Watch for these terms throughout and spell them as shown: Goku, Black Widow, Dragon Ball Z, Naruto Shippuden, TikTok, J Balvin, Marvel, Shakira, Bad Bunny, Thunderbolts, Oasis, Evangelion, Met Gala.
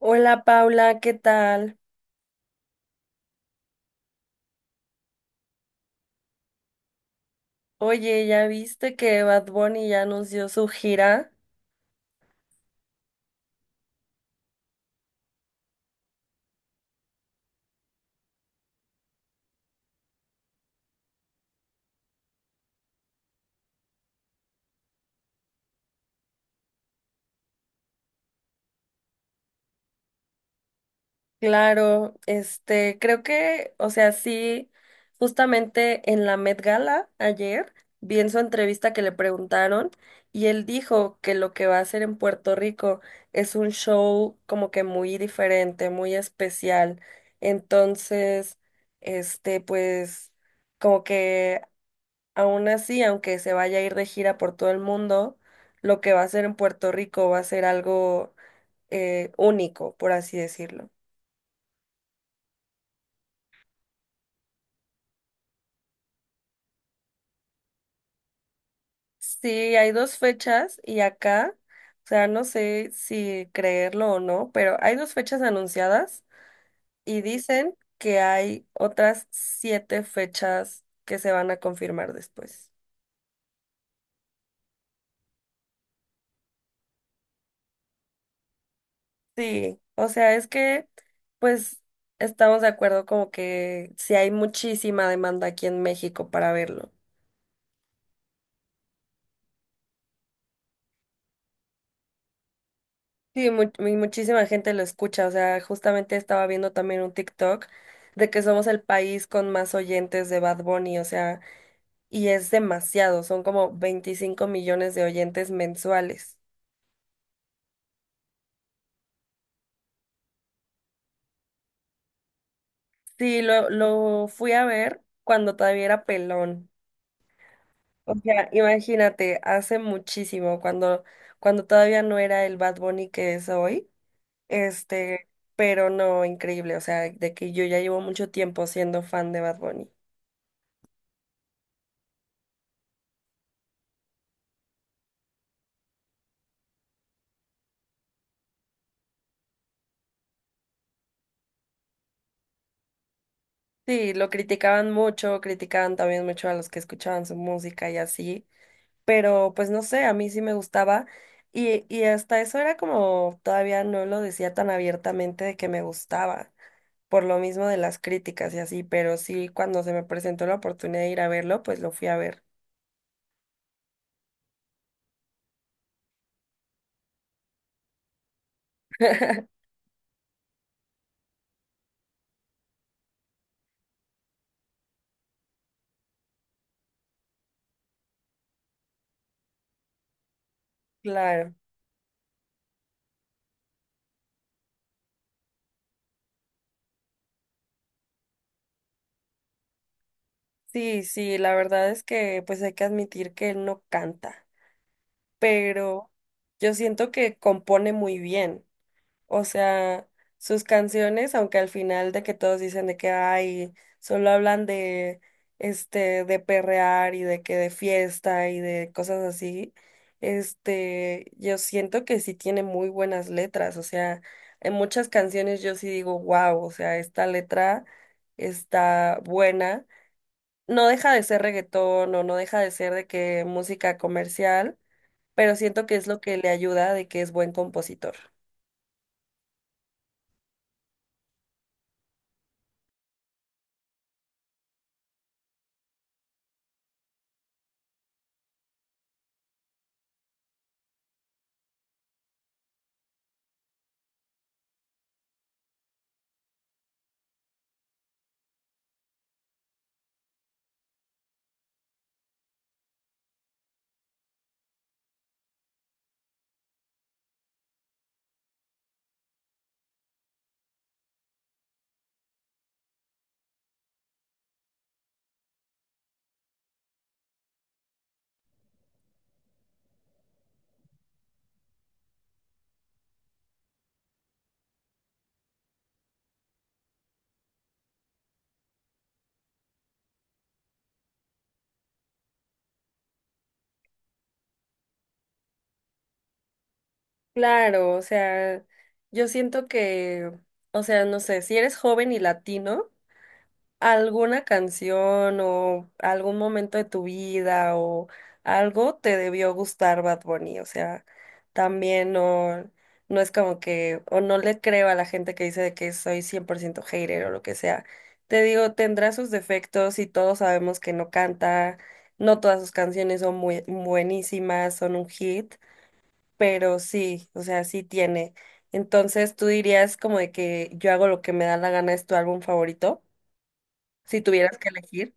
Hola Paula, ¿qué tal? Oye, ¿ya viste que Bad Bunny ya anunció su gira? Claro, este, creo que, o sea, sí, justamente en la Met Gala ayer vi en su entrevista que le preguntaron y él dijo que lo que va a hacer en Puerto Rico es un show como que muy diferente, muy especial. Entonces, este, pues como que aún así, aunque se vaya a ir de gira por todo el mundo, lo que va a hacer en Puerto Rico va a ser algo único, por así decirlo. Sí, hay dos fechas y acá, o sea, no sé si creerlo o no, pero hay dos fechas anunciadas y dicen que hay otras siete fechas que se van a confirmar después. Sí, o sea, es que, pues, estamos de acuerdo como que si hay muchísima demanda aquí en México para verlo. Sí, muchísima gente lo escucha. O sea, justamente estaba viendo también un TikTok de que somos el país con más oyentes de Bad Bunny. O sea, y es demasiado. Son como 25 millones de oyentes mensuales. Sí, lo fui a ver cuando todavía era pelón. O sea, imagínate, hace muchísimo, cuando todavía no era el Bad Bunny que es hoy. Este, pero no, increíble. O sea, de que yo ya llevo mucho tiempo siendo fan de Bad Bunny. Sí, lo criticaban mucho, criticaban también mucho a los que escuchaban su música y así, pero pues no sé, a mí sí me gustaba y hasta eso era como todavía no lo decía tan abiertamente de que me gustaba, por lo mismo de las críticas y así, pero sí cuando se me presentó la oportunidad de ir a verlo, pues lo fui a ver. Claro, sí, sí, la verdad es que pues hay que admitir que él no canta, pero yo siento que compone muy bien. O sea, sus canciones, aunque al final de que todos dicen de que ay solo hablan de este, de perrear y de que de fiesta y de cosas así, este, yo siento que sí tiene muy buenas letras. O sea, en muchas canciones yo sí digo, wow, o sea, esta letra está buena. No deja de ser reggaetón o no deja de ser de que música comercial, pero siento que es lo que le ayuda de que es buen compositor. Claro, o sea, yo siento que, o sea, no sé, si eres joven y latino, alguna canción o algún momento de tu vida o algo te debió gustar Bad Bunny, o sea, también no, no es como que, o no le creo a la gente que dice de que soy 100 por ciento hater o lo que sea. Te digo, tendrá sus defectos y todos sabemos que no canta, no todas sus canciones son muy buenísimas, son un hit pero sí, o sea, sí tiene. Entonces, ¿tú dirías como de que yo hago lo que me da la gana es tu álbum favorito? Si tuvieras que elegir.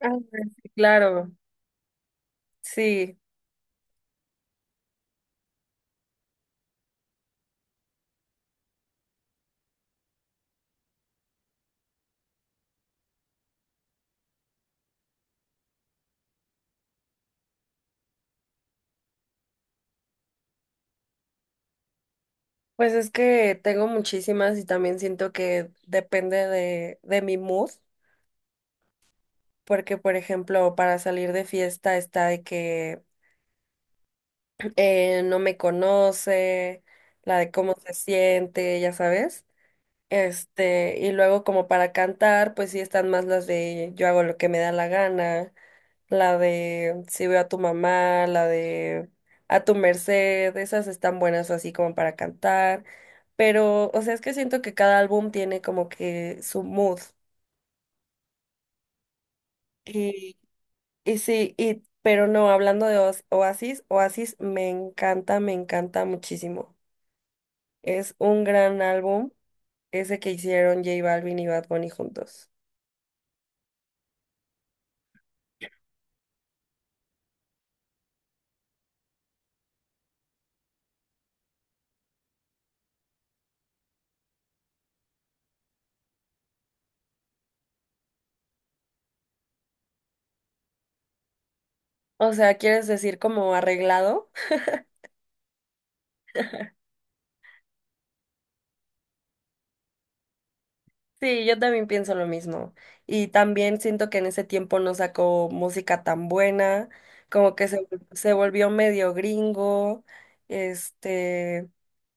Ah, sí, claro, sí. Pues es que tengo muchísimas y también siento que depende de mi mood, porque por ejemplo, para salir de fiesta está de que no me conoce, la de cómo se siente, ya sabes. Este, y luego como para cantar, pues sí están más las de yo hago lo que me da la gana, la de si veo a tu mamá, la de a tu merced, esas están buenas así como para cantar, pero o sea, es que siento que cada álbum tiene como que su mood. Y, y sí, y pero no, hablando de Oasis, Oasis me encanta muchísimo. Es un gran álbum ese que hicieron J Balvin y Bad Bunny juntos. O sea, ¿quieres decir como arreglado? Sí, yo también pienso lo mismo. Y también siento que en ese tiempo no sacó música tan buena, como que se, se volvió medio gringo, este,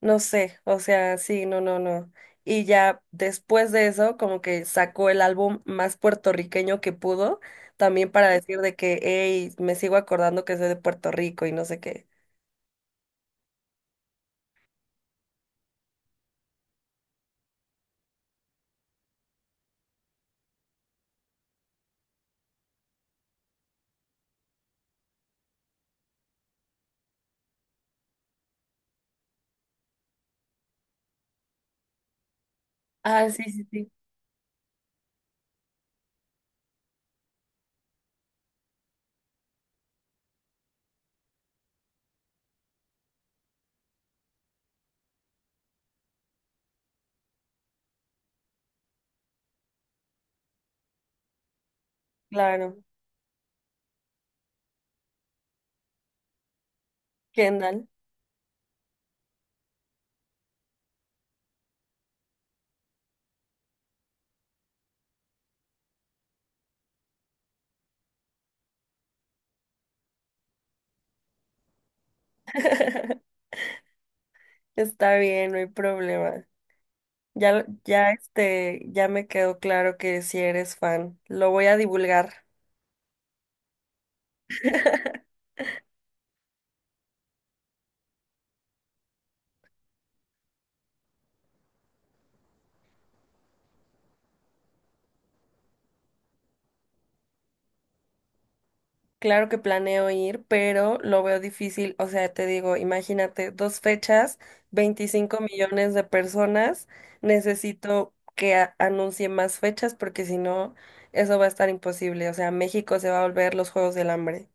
no sé, o sea, sí, no, no, no. Y ya después de eso, como que sacó el álbum más puertorriqueño que pudo, también para decir de que, hey, me sigo acordando que soy de Puerto Rico y no sé qué. Ah, sí, sí, sí, claro. Kendall. Está bien, no hay problema. Este, ya me quedó claro que si eres fan. Lo voy a divulgar. Claro que planeo ir, pero lo veo difícil. O sea, te digo, imagínate, dos fechas, 25 millones de personas. Necesito que anuncie más fechas porque si no, eso va a estar imposible. O sea, México se va a volver los Juegos del Hambre.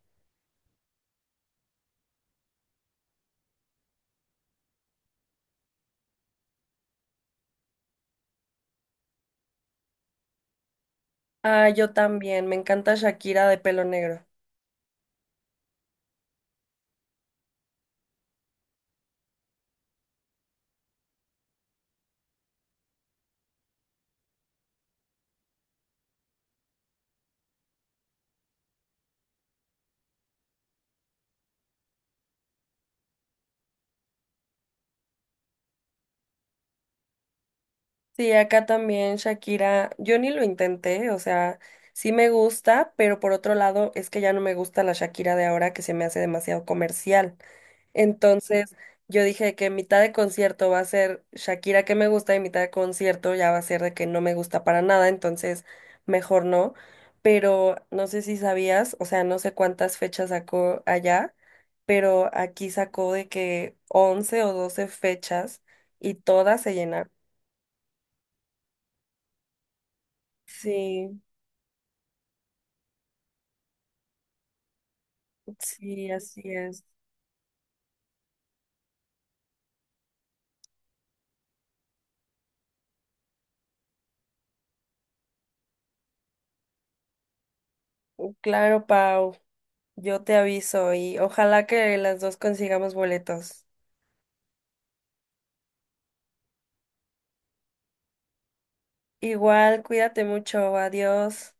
Ah, yo también. Me encanta Shakira de pelo negro. Sí, acá también Shakira, yo ni lo intenté, o sea, sí me gusta, pero por otro lado es que ya no me gusta la Shakira de ahora que se me hace demasiado comercial. Entonces, yo dije que mitad de concierto va a ser Shakira que me gusta y mitad de concierto ya va a ser de que no me gusta para nada, entonces mejor no. Pero no sé si sabías, o sea, no sé cuántas fechas sacó allá, pero aquí sacó de que 11 o 12 fechas y todas se llenaron. Sí. Sí, así es. Claro, Pau, yo te aviso y ojalá que las dos consigamos boletos. Igual, cuídate mucho, adiós.